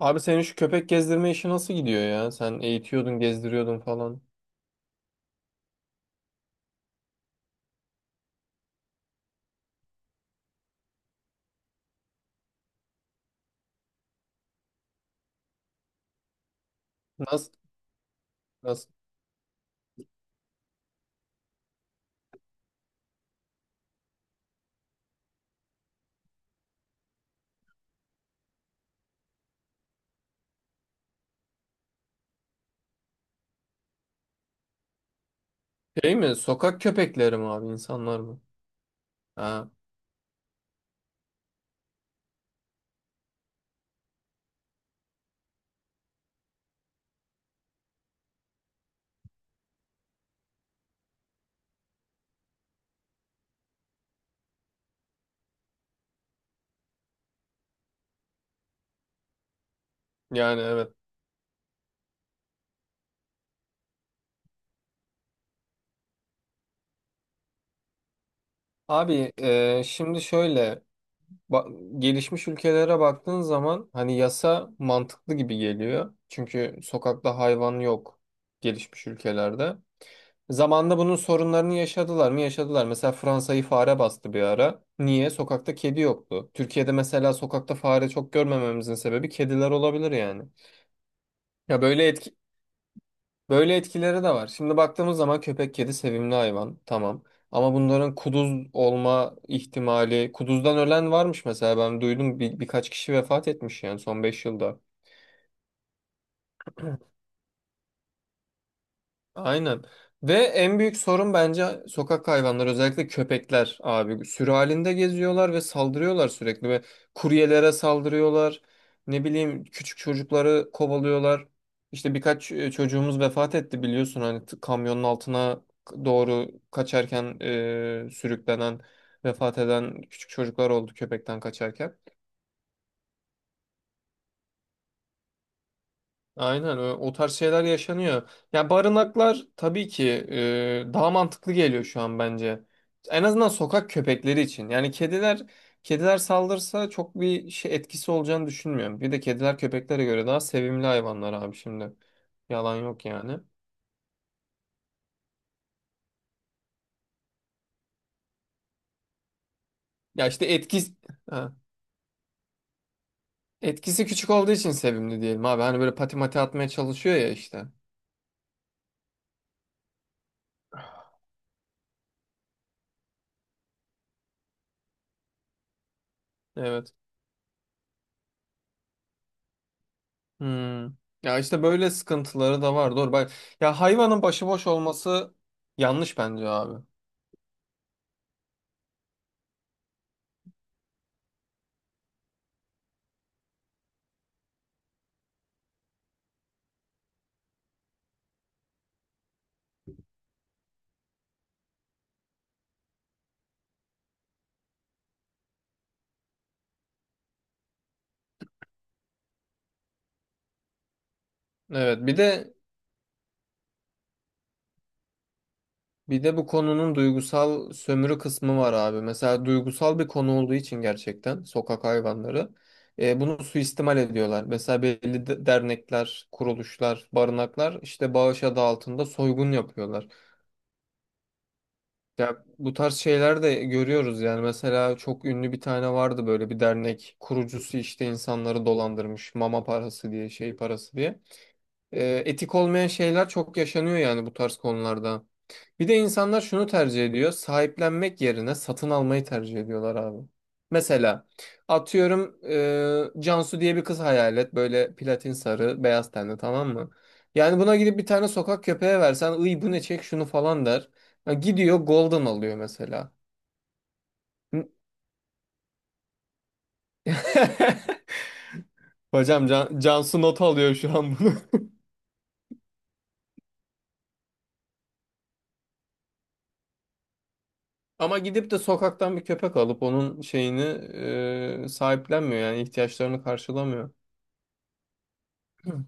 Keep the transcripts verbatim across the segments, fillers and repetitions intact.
Abi senin şu köpek gezdirme işi nasıl gidiyor ya? Sen eğitiyordun, gezdiriyordun falan. Nasıl? Nasıl? Şey mi? Sokak köpekleri mi abi? İnsanlar mı? Ha, yani evet. Abi, e, şimdi şöyle ba- gelişmiş ülkelere baktığın zaman hani yasa mantıklı gibi geliyor. Çünkü sokakta hayvan yok gelişmiş ülkelerde. Zamanında bunun sorunlarını yaşadılar mı? Yaşadılar. Mesela Fransa'yı fare bastı bir ara. Niye? Sokakta kedi yoktu. Türkiye'de mesela sokakta fare çok görmememizin sebebi kediler olabilir yani. Ya böyle etki böyle etkileri de var. Şimdi baktığımız zaman köpek kedi sevimli hayvan. Tamam. Ama bunların kuduz olma ihtimali, kuduzdan ölen varmış, mesela ben duydum bir, birkaç kişi vefat etmiş yani son beş yılda. Aynen. Ve en büyük sorun bence sokak hayvanları, özellikle köpekler abi. Sürü halinde geziyorlar ve saldırıyorlar sürekli ve kuryelere saldırıyorlar. Ne bileyim, küçük çocukları kovalıyorlar. İşte birkaç e, çocuğumuz vefat etti, biliyorsun, hani t- kamyonun altına k- doğru kaçarken e, sürüklenen, vefat eden küçük çocuklar oldu köpekten kaçarken. Aynen, ö- o tarz şeyler yaşanıyor. Ya barınaklar tabii ki e, daha mantıklı geliyor şu an bence. En azından sokak köpekleri için. Yani kediler kediler saldırsa çok bir şey etkisi olacağını düşünmüyorum. Bir de kediler köpeklere göre daha sevimli hayvanlar abi şimdi. Yalan yok yani. Ya işte etkisi etkisi küçük olduğu için sevimli diyelim abi. Hani böyle pati mati atmaya çalışıyor ya işte. Evet. Hmm. Ya işte böyle sıkıntıları da var. Doğru. Bak, ya hayvanın başıboş olması yanlış bence abi. Evet. Bir de bir de bu konunun duygusal sömürü kısmı var abi. Mesela duygusal bir konu olduğu için gerçekten sokak hayvanları e, bunu suistimal ediyorlar. Mesela belli de- dernekler, kuruluşlar, barınaklar işte bağış adı altında soygun yapıyorlar. Ya bu tarz şeyler de görüyoruz yani. Mesela çok ünlü bir tane vardı, böyle bir dernek kurucusu, işte insanları dolandırmış mama parası diye, şey parası diye. Ee, etik olmayan şeyler çok yaşanıyor yani bu tarz konularda. Bir de insanlar şunu tercih ediyor. Sahiplenmek yerine satın almayı tercih ediyorlar abi. Mesela atıyorum, e, Cansu diye bir kız hayal et. Böyle platin sarı, beyaz tenli, tamam mı? Yani buna gidip bir tane sokak köpeğe versen, ıy bu ne, çek şunu" falan der. Ya gidiyor golden alıyor mesela. Hocam Can, Cansu not alıyor şu an bunu. Ama gidip de sokaktan bir köpek alıp onun şeyini e, sahiplenmiyor yani, ihtiyaçlarını karşılamıyor. Hı.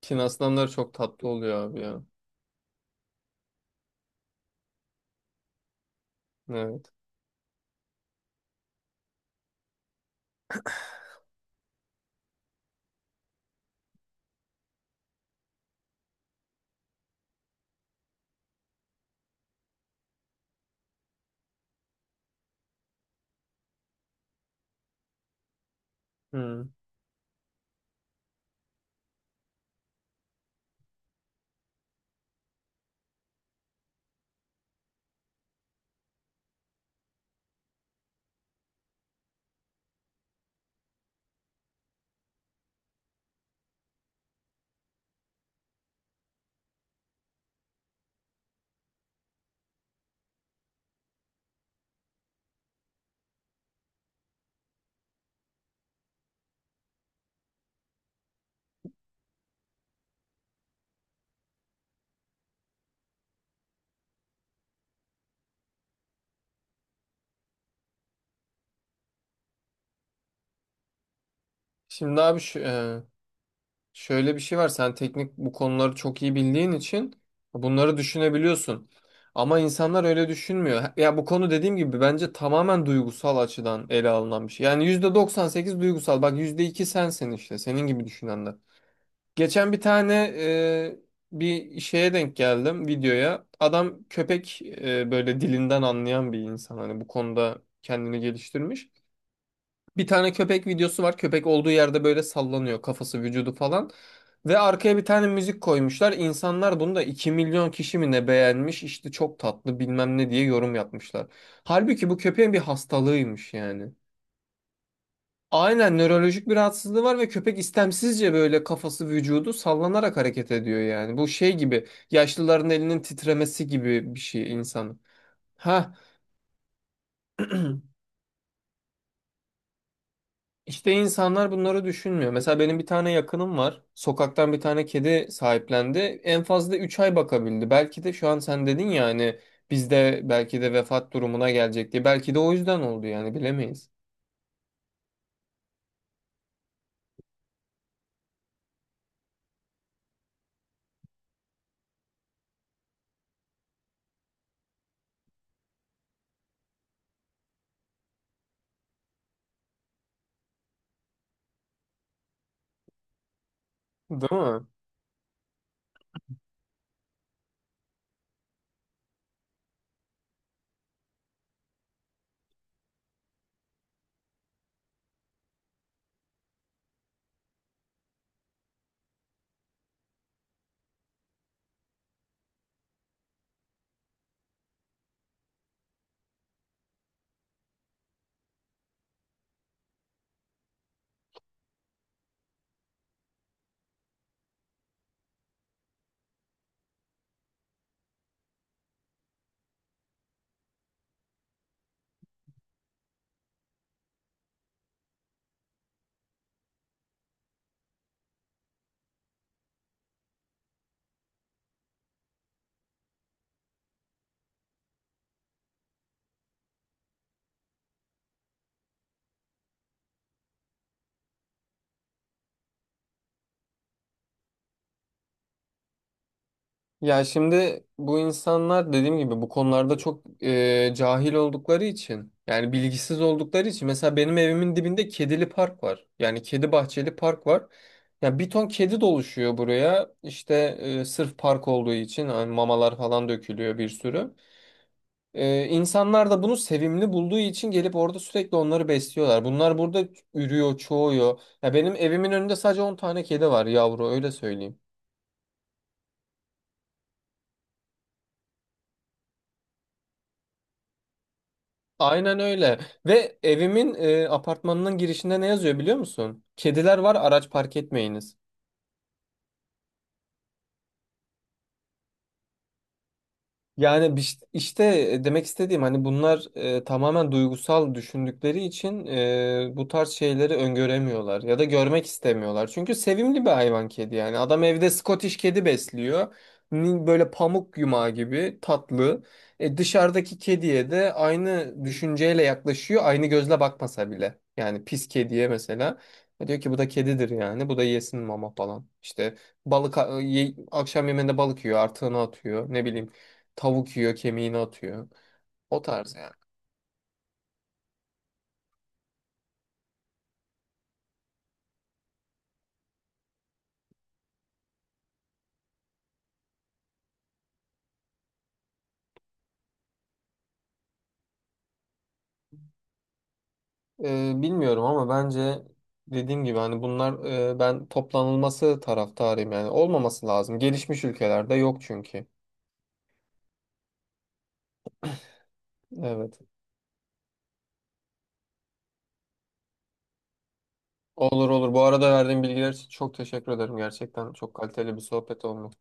Çin aslanları çok tatlı oluyor abi ya. Evet. Hı. Şimdi abi şu- e, şöyle bir şey var. Sen teknik bu konuları çok iyi bildiğin için bunları düşünebiliyorsun. Ama insanlar öyle düşünmüyor. Ya bu konu dediğim gibi bence tamamen duygusal açıdan ele alınan bir şey. Yani yüzde doksan sekiz duygusal. Bak, yüzde iki sensin işte. Senin gibi düşünenler. Geçen bir tane e, bir şeye denk geldim, videoya. Adam köpek e, böyle dilinden anlayan bir insan. Hani bu konuda kendini geliştirmiş. Bir tane köpek videosu var. Köpek olduğu yerde böyle sallanıyor, kafası, vücudu falan. Ve arkaya bir tane müzik koymuşlar. İnsanlar bunu da iki milyon kişi mi ne beğenmiş, işte "çok tatlı" bilmem ne diye yorum yapmışlar. Halbuki bu köpeğin bir hastalığıymış yani. Aynen, nörolojik bir rahatsızlığı var ve köpek istemsizce böyle kafası, vücudu sallanarak hareket ediyor yani. Bu şey gibi, yaşlıların elinin titremesi gibi bir şey insanın. Ha. İşte insanlar bunları düşünmüyor. Mesela benim bir tane yakınım var. Sokaktan bir tane kedi sahiplendi. En fazla üç ay bakabildi. Belki de, şu an sen dedin ya hani, bizde belki de vefat durumuna gelecek diye. Belki de o yüzden oldu yani, bilemeyiz. Değil mi? Ya şimdi bu insanlar dediğim gibi bu konularda çok e, cahil oldukları için, yani bilgisiz oldukları için, mesela benim evimin dibinde kedili park var. Yani kedi bahçeli park var. Ya bir ton kedi doluşuyor buraya. İşte e, sırf park olduğu için hani mamalar falan dökülüyor bir sürü. E, insanlar da bunu sevimli bulduğu için gelip orada sürekli onları besliyorlar. Bunlar burada ürüyor, çoğuyor. Ya benim evimin önünde sadece on tane kedi var, yavru, öyle söyleyeyim. Aynen öyle. Ve evimin e, apartmanının girişinde ne yazıyor, biliyor musun? "Kediler var, araç park etmeyiniz." Yani biş- işte e, demek istediğim, hani bunlar e, tamamen duygusal düşündükleri için e, bu tarz şeyleri öngöremiyorlar ya da görmek istemiyorlar. Çünkü sevimli bir hayvan, kedi yani. Adam evde Scottish kedi besliyor. Ni- Böyle pamuk yumağı gibi tatlı. E, dışarıdaki kediye de aynı düşünceyle yaklaşıyor. Aynı gözle bakmasa bile. Yani pis kediye mesela. E, Diyor ki bu da kedidir yani. Bu da yesin mama falan. İşte balık a- ye- akşam yemeğinde balık yiyor, artığını atıyor. Ne bileyim, tavuk yiyor, kemiğini atıyor. O tarz yani. Ee, bilmiyorum ama bence dediğim gibi, hani bunlar, e, ben toplanılması taraftarıyım yani. Olmaması lazım. Gelişmiş ülkelerde yok çünkü. Evet. Olur olur. Bu arada verdiğin bilgiler için çok teşekkür ederim. Gerçekten çok kaliteli bir sohbet olmuş.